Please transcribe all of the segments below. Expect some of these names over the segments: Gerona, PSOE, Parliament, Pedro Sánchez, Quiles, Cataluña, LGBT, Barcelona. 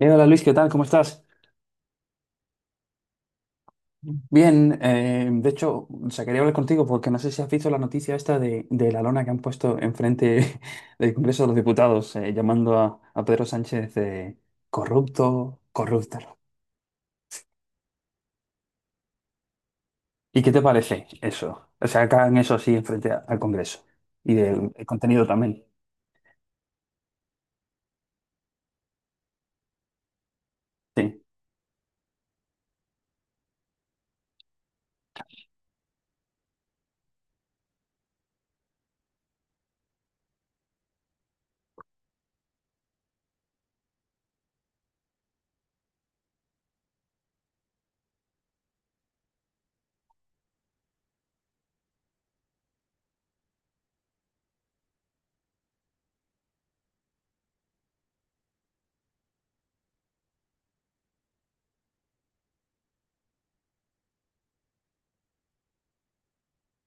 Hola, Luis, ¿qué tal? ¿Cómo estás? Bien, de hecho, o sea, quería hablar contigo porque no sé si has visto la noticia esta de la lona que han puesto enfrente del Congreso de los Diputados, llamando a Pedro Sánchez de corrupto, corrúptalo. ¿Y qué te parece eso? O sea, que hagan eso así enfrente al Congreso y del el contenido también. Sí.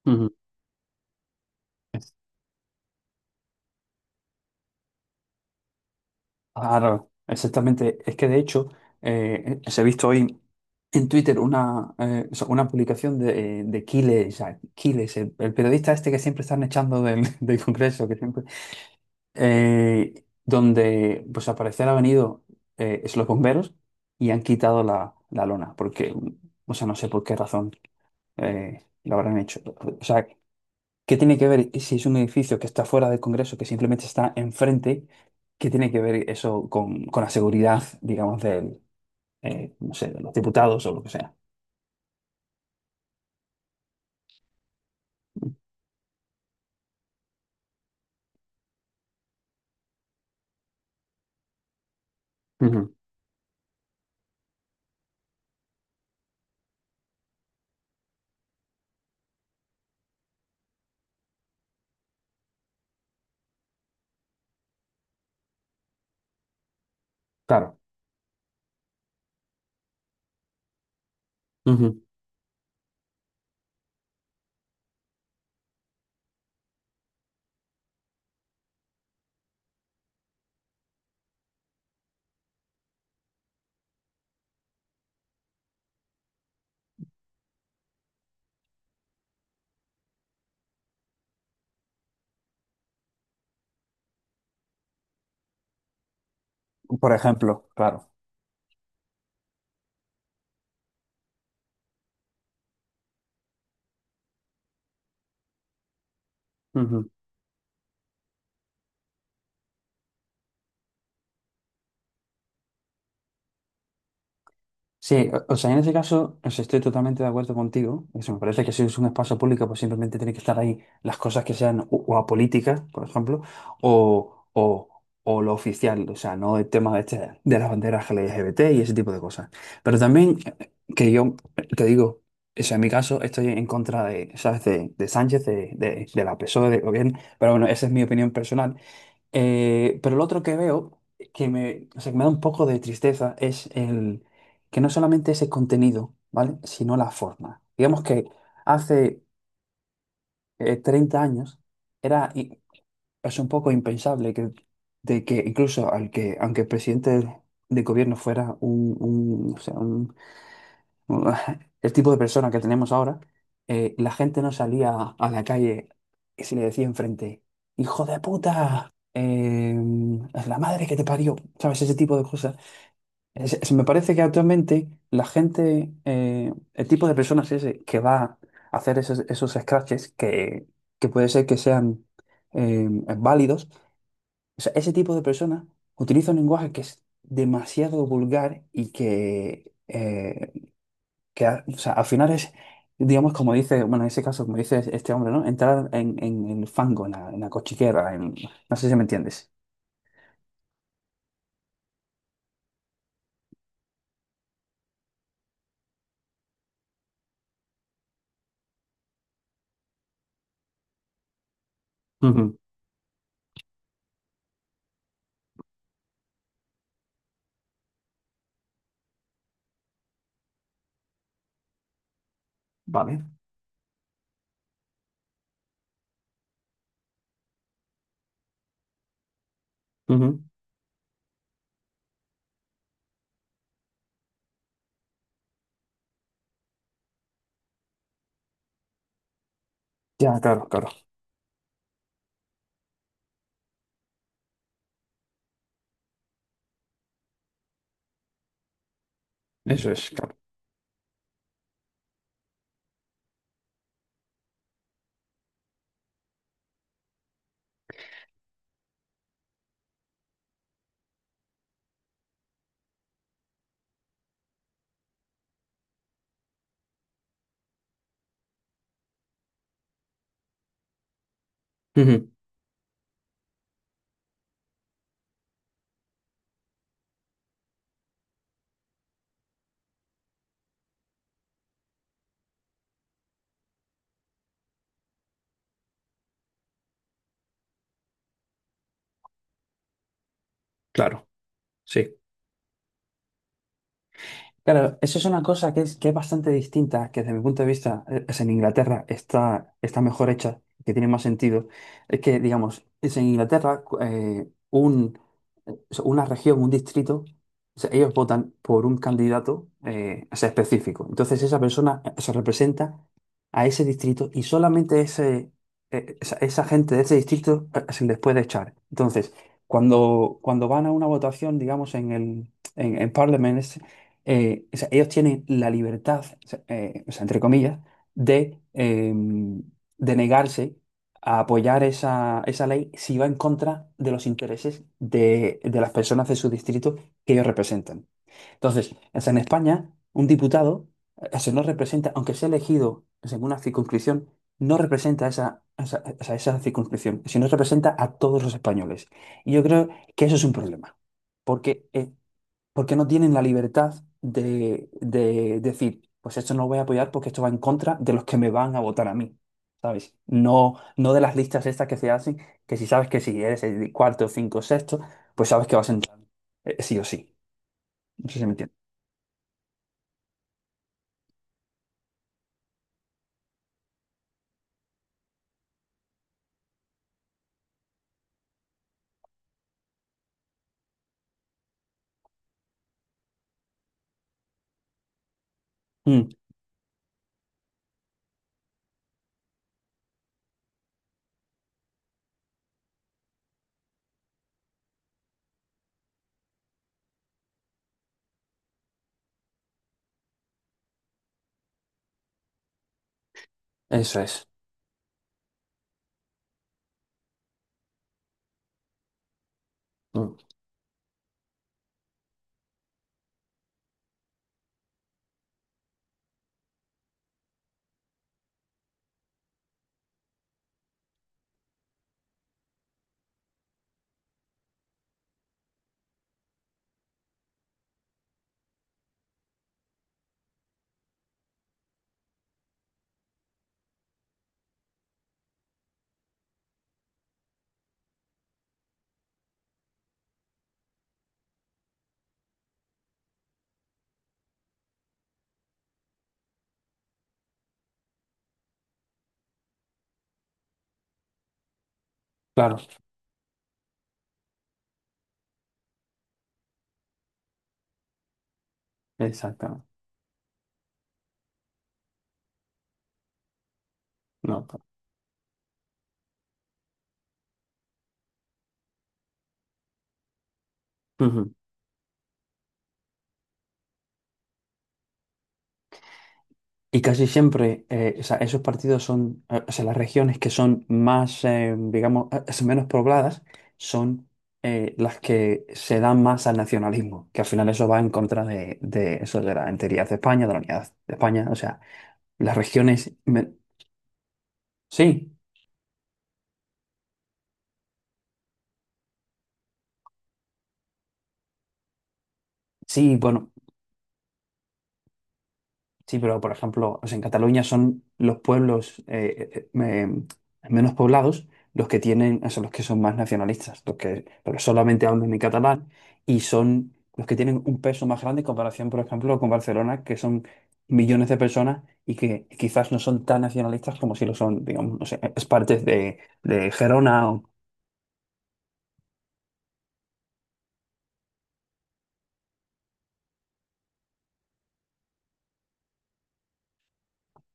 Ujú. Claro, exactamente. Es que de hecho, se ha visto hoy en Twitter una, o sea, una publicación de Quiles, o sea, Quiles, el periodista este que siempre están echando del, del Congreso, que siempre, donde pues al parecer ha venido es los bomberos y han quitado la lona, porque, o sea, no sé por qué razón lo habrán hecho. O sea, ¿qué tiene que ver si es un edificio que está fuera del Congreso, que simplemente está enfrente? ¿Qué tiene que ver eso con la seguridad, digamos, del, no sé, de los diputados o lo que sea? Ujú. Claro. Ujú. Por ejemplo, claro. Ujú. Sí, o sea, en ese caso, o sea, estoy totalmente de acuerdo contigo. Eso me parece que si es un espacio público, pues simplemente tiene que estar ahí las cosas que sean o apolíticas, por ejemplo, o, o, o lo oficial, o sea, no el tema de, este, de las banderas LGBT y ese tipo de cosas. Pero también que yo te digo, o sea, en mi caso estoy en contra de, ¿sabes? De Sánchez, de la PSOE, de gobierno, pero bueno, esa es mi opinión personal. Pero lo otro que veo, que me, o sea, que me da un poco de tristeza, es el que no solamente es el contenido, ¿vale? Sino la forma. Digamos que hace 30 años era i- es un poco impensable que, de que incluso al que, aunque el presidente de gobierno fuera un o sea un, el tipo de persona que tenemos ahora, la gente no salía a la calle y se le decía enfrente, hijo de puta, es la madre que te parió, ¿sabes? Ese tipo de cosas. Me parece que actualmente la gente, el tipo de personas ese que va a hacer esos scratches que puede ser que sean eh, válidos, o sea, ese tipo de personas utiliza un lenguaje que es demasiado vulgar y que o sea, al final es, digamos, como dice, bueno, en ese caso, como dice este hombre, ¿no? Entrar en el fango, en la cochiquera, no sé si me entiendes. Ujú. Vale. Ujú. Ya, claro, claro. Eso es, claro. Ujú. Claro, sí. Claro, eso es una cosa que es bastante distinta, que desde mi punto de vista, es en Inglaterra está, está mejor hecha, que tiene más sentido. Es que, digamos, es en Inglaterra eh, una región, un distrito, o sea, ellos votan por un candidato o sea, específico. Entonces esa persona se representa a ese distrito y solamente ese, esa gente de ese distrito se les puede echar. Entonces, cuando van a una votación, digamos, en Parliament, o sea, ellos tienen la libertad, o sea, entre comillas, de, eh, de negarse a apoyar esa ley si va en contra de los intereses de las personas de su distrito que ellos representan. Entonces, o sea, en España, un diputado, se no representa, aunque sea elegido o sea, en una circunscripción, no representa esa circunscripción, sino representa a todos los españoles. Y yo creo que eso es un problema, porque porque no tienen la libertad de decir, pues esto no lo voy a apoyar porque esto va en contra de los que me van a votar a mí, ¿sabes? No de las listas estas que se hacen, que si sabes que si eres el cuarto, cinco, sexto, pues sabes que vas a entrar, sí o sí. No sé si me entiendes. Mm, eso es. Mm, claro, exactamente. No, pa- Y casi siempre o sea, esos partidos son, o sea, las regiones que son más, digamos, son menos pobladas, son las que se dan más al nacionalismo, que al final eso va en contra de eso de la enteridad de España, de la unidad de España. O sea, las regiones... me- Sí, sí, bueno. Sí, pero por ejemplo, o sea, en Cataluña son los pueblos menos poblados los que tienen, o sea, los que son más nacionalistas, los que, porque solamente hablan en catalán y son los que tienen un peso más grande en comparación, por ejemplo, con Barcelona, que son millones de personas y que quizás no son tan nacionalistas como si lo son, digamos, no sé, es parte de Gerona o...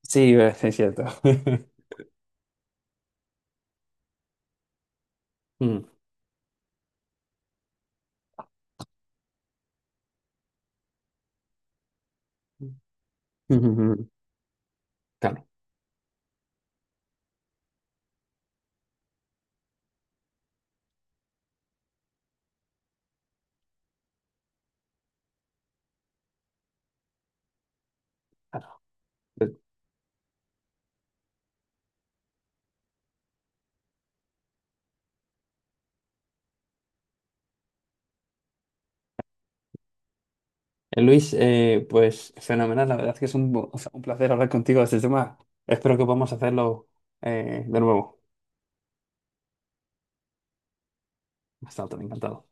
Sí, es cierto. Mm. Ujú, ujú. Claro, claro. Luis, pues fenomenal, la verdad es que es un, o sea, un placer hablar contigo de este tema. Espero que podamos hacerlo de nuevo. Hasta otro, encantado.